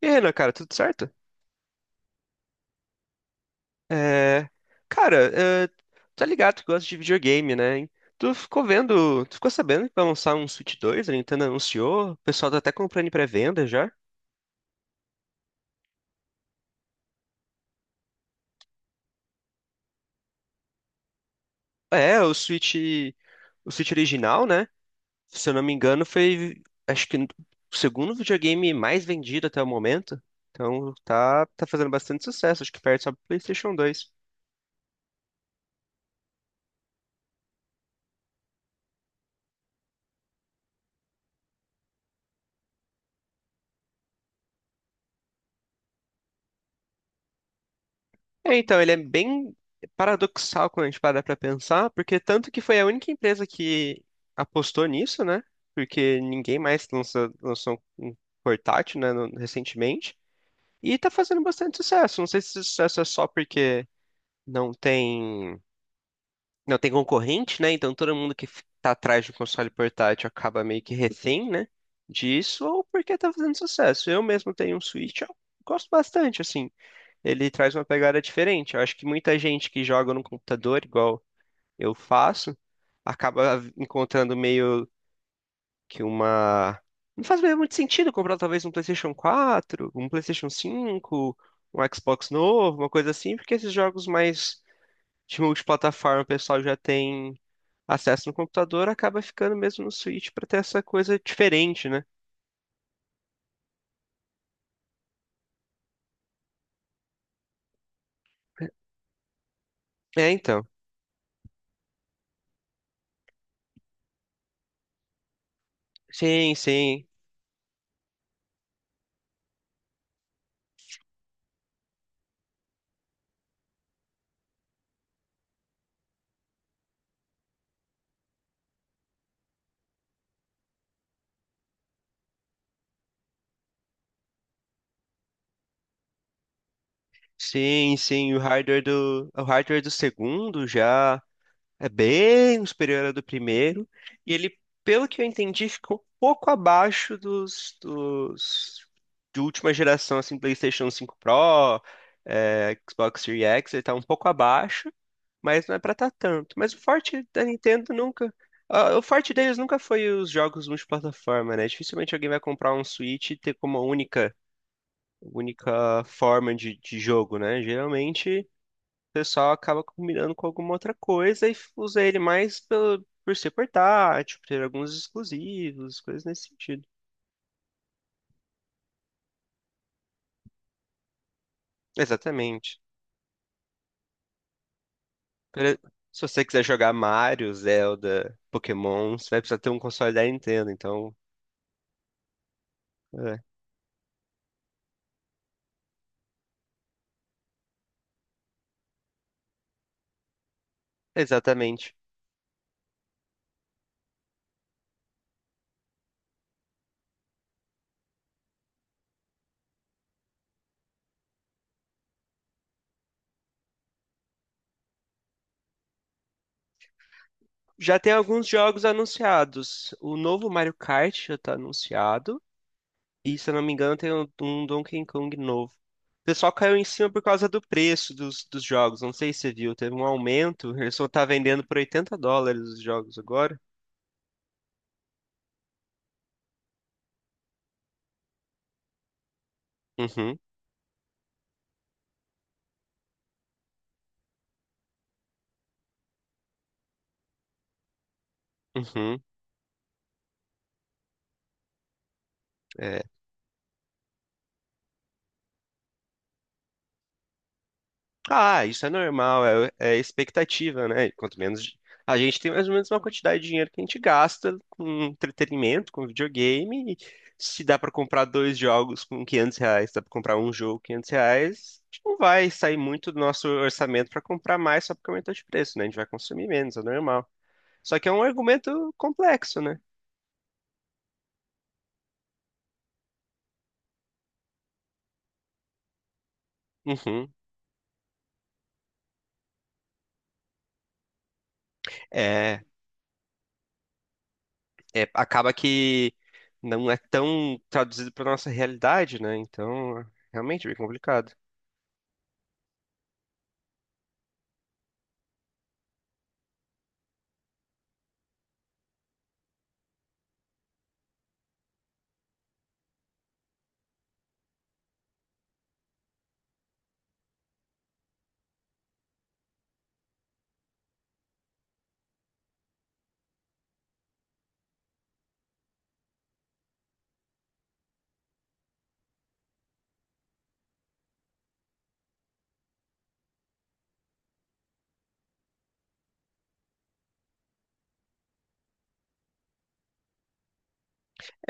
E aí, Renan, cara, tudo certo? É... Cara, é... tá ligado que gosta de videogame, né? Hein? Tu ficou sabendo que vai lançar um Switch 2? A Nintendo anunciou, o pessoal tá até comprando em pré-venda já. É, o Switch original, né? Se eu não me engano, foi, acho que o segundo videogame mais vendido até o momento. Então tá, tá fazendo bastante sucesso, acho que perde só pro PlayStation dois. É, então, ele é bem paradoxal quando a gente para pra pensar, porque tanto que foi a única empresa que apostou nisso, né? Porque ninguém mais lançou um portátil, né, recentemente. E tá fazendo bastante sucesso. Não sei se esse sucesso é só porque não tem, não tem concorrente, né? Então todo mundo que tá atrás de um console portátil acaba meio que refém, né? Disso, ou porque tá fazendo sucesso. Eu mesmo tenho um Switch, eu gosto bastante, assim, ele traz uma pegada diferente. Eu acho que muita gente que joga no computador, igual eu faço, acaba encontrando meio que uma. Não faz meio muito sentido comprar talvez um PlayStation quatro, um PlayStation cinco, um Xbox novo, uma coisa assim, porque esses jogos mais de multiplataforma o pessoal já tem acesso no computador, acaba ficando mesmo no Switch para ter essa coisa diferente, né? É, então. Sim, sim. Sim, sim, o hardware do segundo já é bem superior ao do primeiro. E ele, pelo que eu entendi, ficou um pouco abaixo dos de última geração, assim, PlayStation cinco Pro, Xbox Series X, ele tá um pouco abaixo, mas não é pra tá tanto. Mas o forte da Nintendo nunca. O forte deles nunca foi os jogos multiplataforma, né? Dificilmente alguém vai comprar um Switch e ter como única forma de jogo, né? Geralmente o pessoal acaba combinando com alguma outra coisa e usa ele mais pelo, por ser portátil, por ter alguns exclusivos, coisas nesse sentido. Exatamente. Pra- Se você quiser jogar Mario, Zelda, Pokémon, você vai precisar ter um console da Nintendo, então. É, exatamente. Já tem alguns jogos anunciados. O novo Mario Kart já tá anunciado. E se eu não me engano, tem um Donkey Kong novo. O pessoal caiu em cima por causa do preço dos jogos. Não sei se você viu, teve um aumento. Ele só tá vendendo por 80 dólares os jogos agora. Uhum, uhum. É, Ah, isso é normal, é expectativa, né? Quanto menos a gente tem mais ou menos uma quantidade de dinheiro que a gente gasta com entretenimento, com videogame. E se dá pra comprar dois jogos com R$ 500, dá pra comprar um jogo com R$ 500, a gente não vai sair muito do nosso orçamento pra comprar mais só porque aumentou de preço, né? A gente vai consumir menos, é normal. Só que é um argumento complexo, né? Uhum. É, acaba que não é tão traduzido para nossa realidade, né? Então, realmente é bem complicado.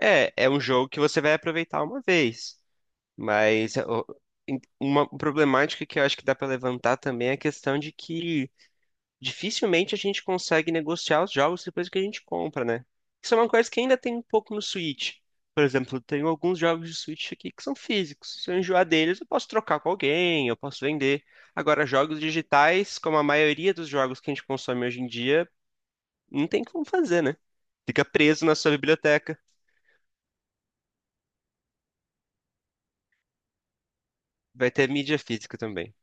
É, é um jogo que você vai aproveitar uma vez, mas ó, uma problemática que eu acho que dá pra levantar também é a questão de que dificilmente a gente consegue negociar os jogos depois que a gente compra, né? Isso é uma coisa que ainda tem um pouco no Switch. Por exemplo, tem alguns jogos de Switch aqui que são físicos. Se eu enjoar deles, eu posso trocar com alguém, eu posso vender. Agora, jogos digitais, como a maioria dos jogos que a gente consome hoje em dia, não tem como fazer, né? Fica preso na sua biblioteca. Vai ter mídia física também.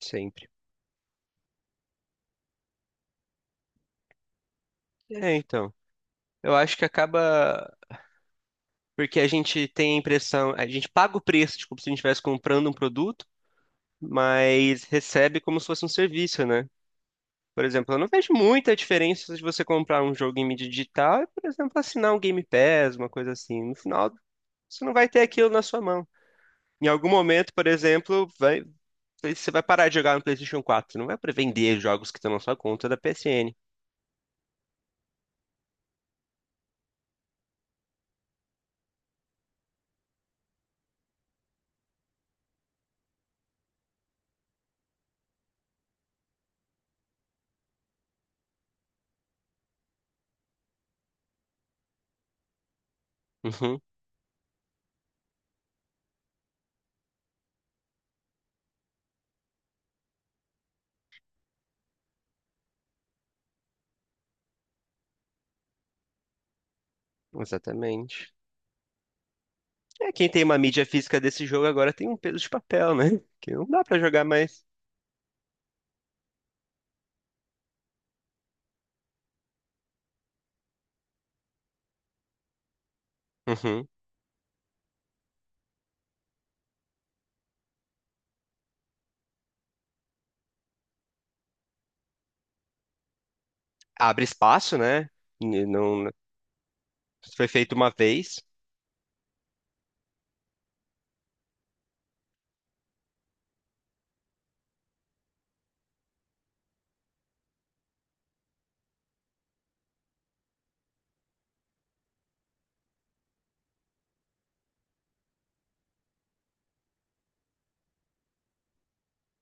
Sempre. É, então. Eu acho que acaba porque a gente tem a impressão, a gente paga o preço, tipo, se a gente estivesse comprando um produto, mas recebe como se fosse um serviço, né? Por exemplo, eu não vejo muita diferença de você comprar um jogo em mídia digital e, por exemplo, assinar um Game Pass, uma coisa assim. No final, você não vai ter aquilo na sua mão. Em algum momento, por exemplo, você vai parar de jogar no PlayStation 4. Não vai para vender jogos que estão na sua conta da PSN. Uhum, exatamente. É, quem tem uma mídia física desse jogo agora tem um peso de papel, né? Que não dá pra jogar mais. Uhum. Abre espaço, né? E não foi feito uma vez,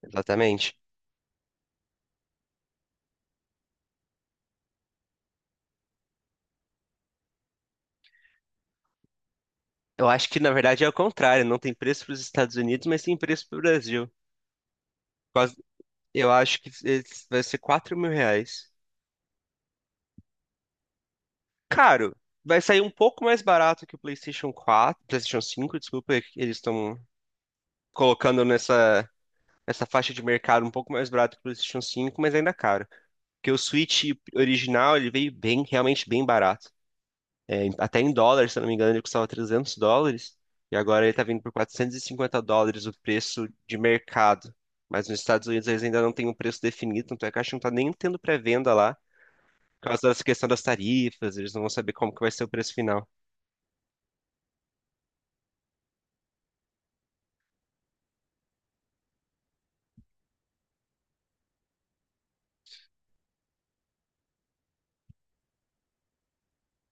exatamente. Eu acho que na verdade é o contrário, não tem preço para os Estados Unidos, mas tem preço para o Brasil. Quase- Eu acho que esse vai ser R$ 4.000. Caro, vai sair um pouco mais barato que o PlayStation 4, PlayStation 5, desculpa, é que eles estão colocando nessa faixa de mercado um pouco mais barato que o PlayStation 5, mas ainda é caro. Porque o Switch original, ele veio bem, realmente bem barato. É, até em dólares, se eu não me engano, ele custava US$ 300. E agora ele tá vindo por US$ 450 o preço de mercado. Mas nos Estados Unidos eles ainda não têm um preço definido, tanto é que a Caixa não tá nem tendo pré-venda lá. Por causa dessa questão das tarifas, eles não vão saber como que vai ser o preço final.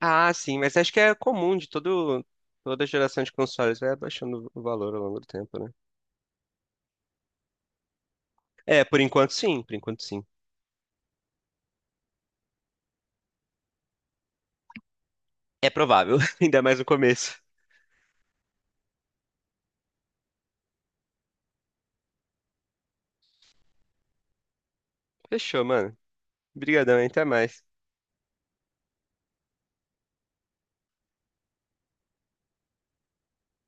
Ah, sim, mas acho que é comum de todo, toda geração de consoles, vai abaixando o valor ao longo do tempo, né? É, por enquanto sim, por enquanto sim. É provável, ainda mais no começo. Fechou, mano. Obrigadão, hein? Até mais.